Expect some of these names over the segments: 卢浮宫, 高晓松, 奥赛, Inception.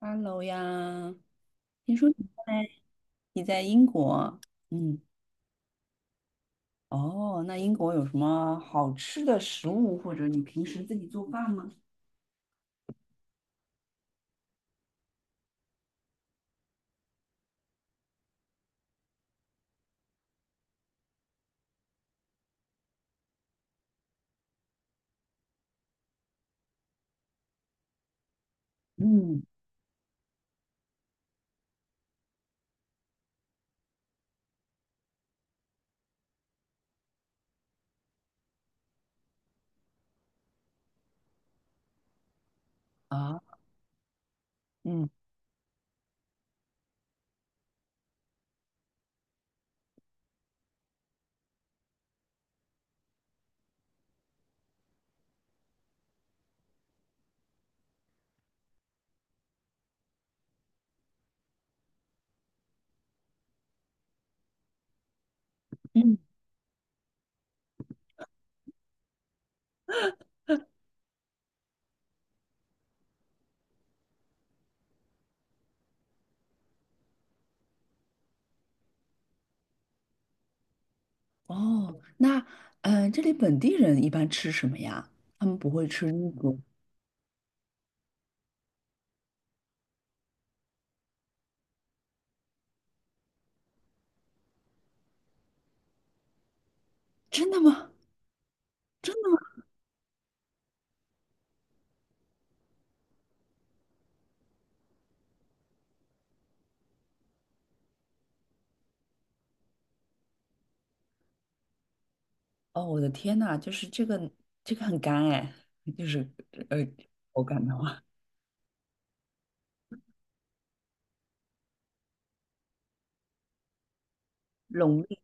Hello 呀，听说在你在英国，嗯，哦，那英国有什么好吃的食物，或者你平时自己做饭吗？嗯，啊，嗯嗯，哦，那这里本地人一般吃什么呀？他们不会吃英国，真的吗？真的？哦，我的天呐，就是这个很干哎，就是呃口感的话，龙利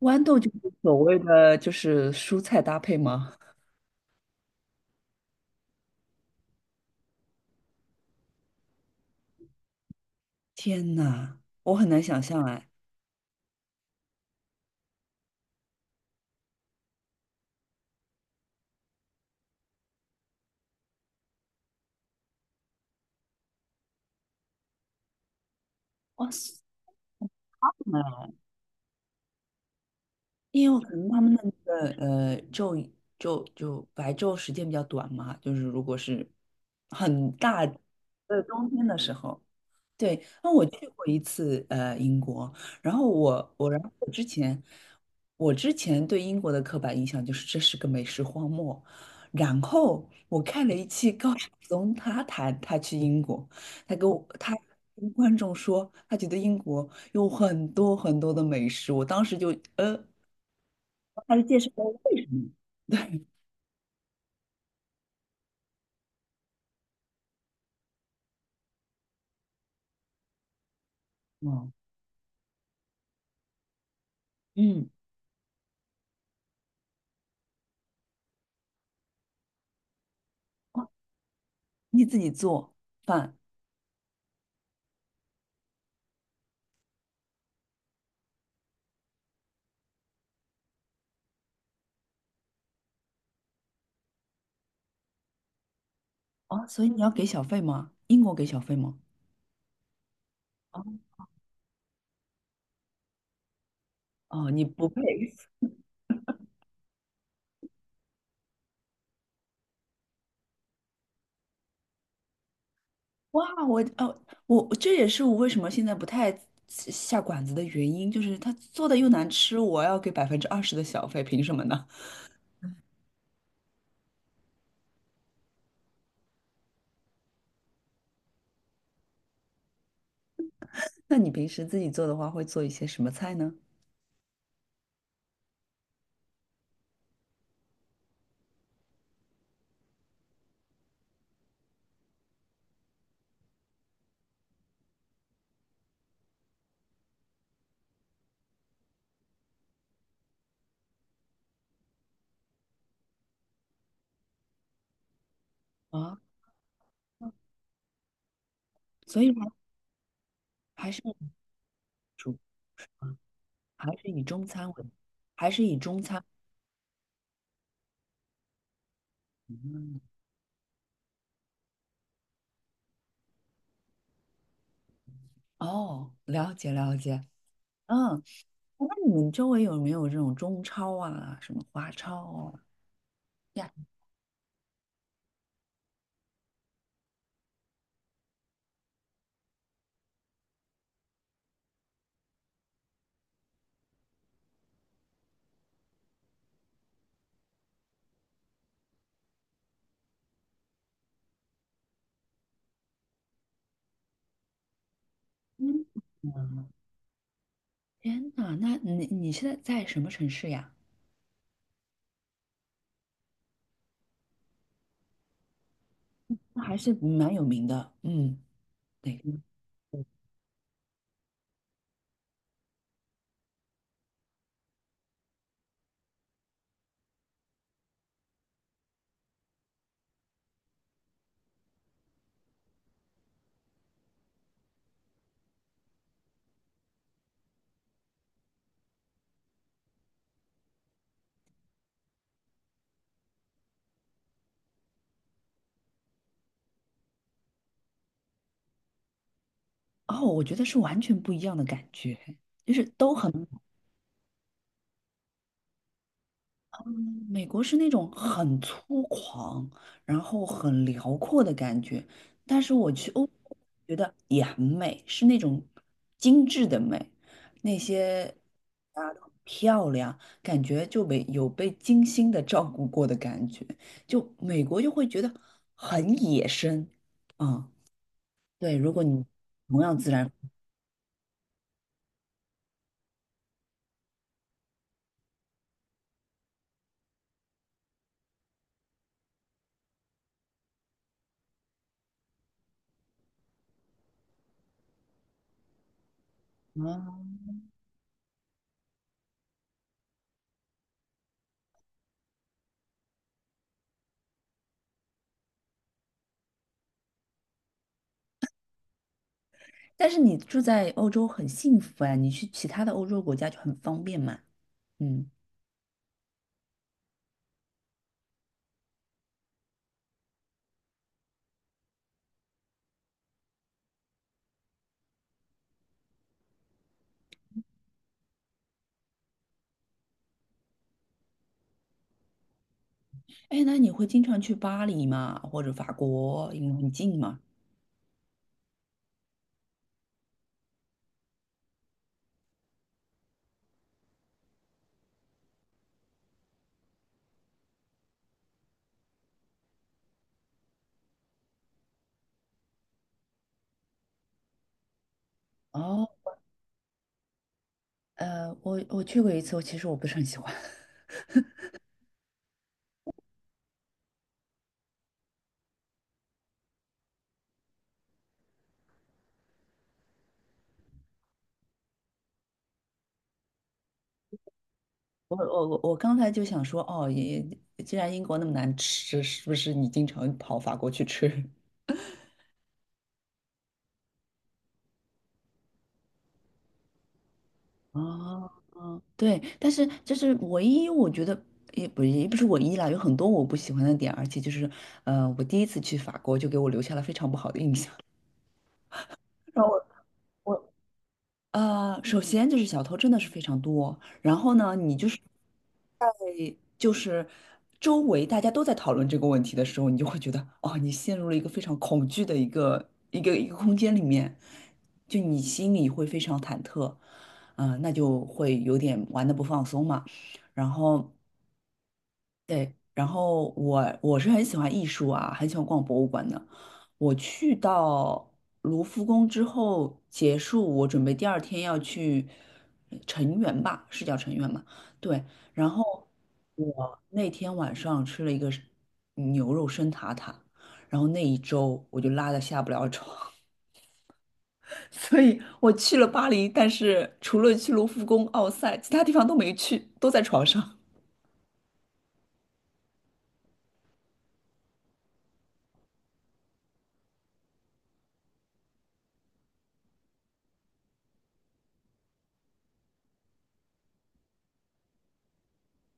豌豆就是所谓的就是蔬菜搭配吗？天呐，我很难想象哎，哇塞！因为我可能他们的那个呃昼昼就白昼时间比较短嘛，就是如果是很大的冬天的时候，对，那我去过一次英国，然后我之前对英国的刻板印象就是这是个美食荒漠，然后我看了一期高晓松，他谈他去英国，他跟观众说他觉得英国有很多很多的美食，我当时就呃，他是介绍了为什么，对，嗯嗯，哦你自己做饭啊，哦所以你要给小费吗？英国给小费吗？哦，你不配。哇，哦，我这也是我为什么现在不太下馆子的原因，就是他做的又难吃，我要给20%的小费，凭什么呢？那你平时自己做的话，会做一些什么菜呢？啊，所以还是还是以中餐为，还是以中餐。哦，了解了解。嗯，那你们周围有没有这种中超啊，什么华超啊？呀，嗯天呐，那你现在在什么城市呀？那还是蛮有名的，嗯，对，哦，我觉得是完全不一样的感觉，就是都很，嗯美国是那种很粗犷，然后很辽阔的感觉，但是我去欧洲觉得也很美，是那种精致的美，那些啊都很漂亮，感觉就被精心的照顾过的感觉，就美国就会觉得很野生，嗯，对，如果你同样自然。啊，但是你住在欧洲很幸福啊，你去其他的欧洲国家就很方便嘛。嗯，哎，那你会经常去巴黎吗？或者法国，因为很近嘛。哦，我去过一次，其实我不是很喜欢。我刚才就想说，哦，既然英国那么难吃，是不是你经常跑法国去吃？哦，对，但是这是唯一，我觉得也不是唯一啦，有很多我不喜欢的点，而且就是，我第一次去法国就给我留下了非常不好的印象。然后我我呃，首先就是小偷真的是非常多，然后呢，你就是在就是周围大家都在讨论这个问题的时候，你就会觉得哦，你陷入了一个非常恐惧的一个空间里面，就你心里会非常忐忑，嗯、那就会有点玩的不放松嘛，然后。对，然后我是很喜欢艺术啊，很喜欢逛博物馆的。我去到卢浮宫之后结束，我准备第二天要去成员吧，是叫成员嘛？对，然后我那天晚上吃了一个是牛肉生塔塔，然后那一周我就拉的下不了床，所以我去了巴黎，但是除了去卢浮宫、奥赛，其他地方都没去，都在床上。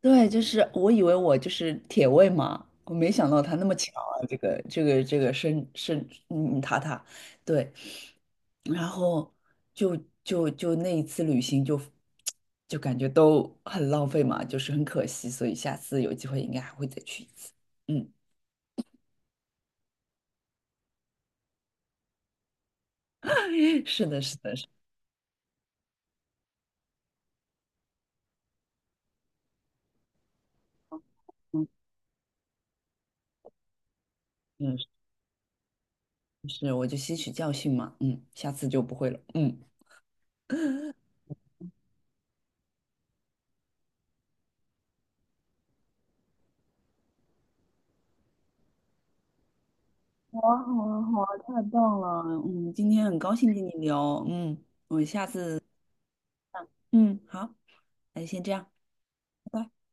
对，就是我以为我就是铁胃嘛，我没想到他那么强啊，这个生塔塔，对，然后就就那一次旅行就感觉都很浪费嘛，就是很可惜，所以下次有机会应该还会再去一次。嗯，是的，是的，是的，嗯，嗯是，我就吸取教训嘛，嗯，下次就不会了，嗯。好啊，好啊，好啊，太棒了！嗯，今天很高兴跟你聊，嗯嗯，好。那就先这样。拜拜。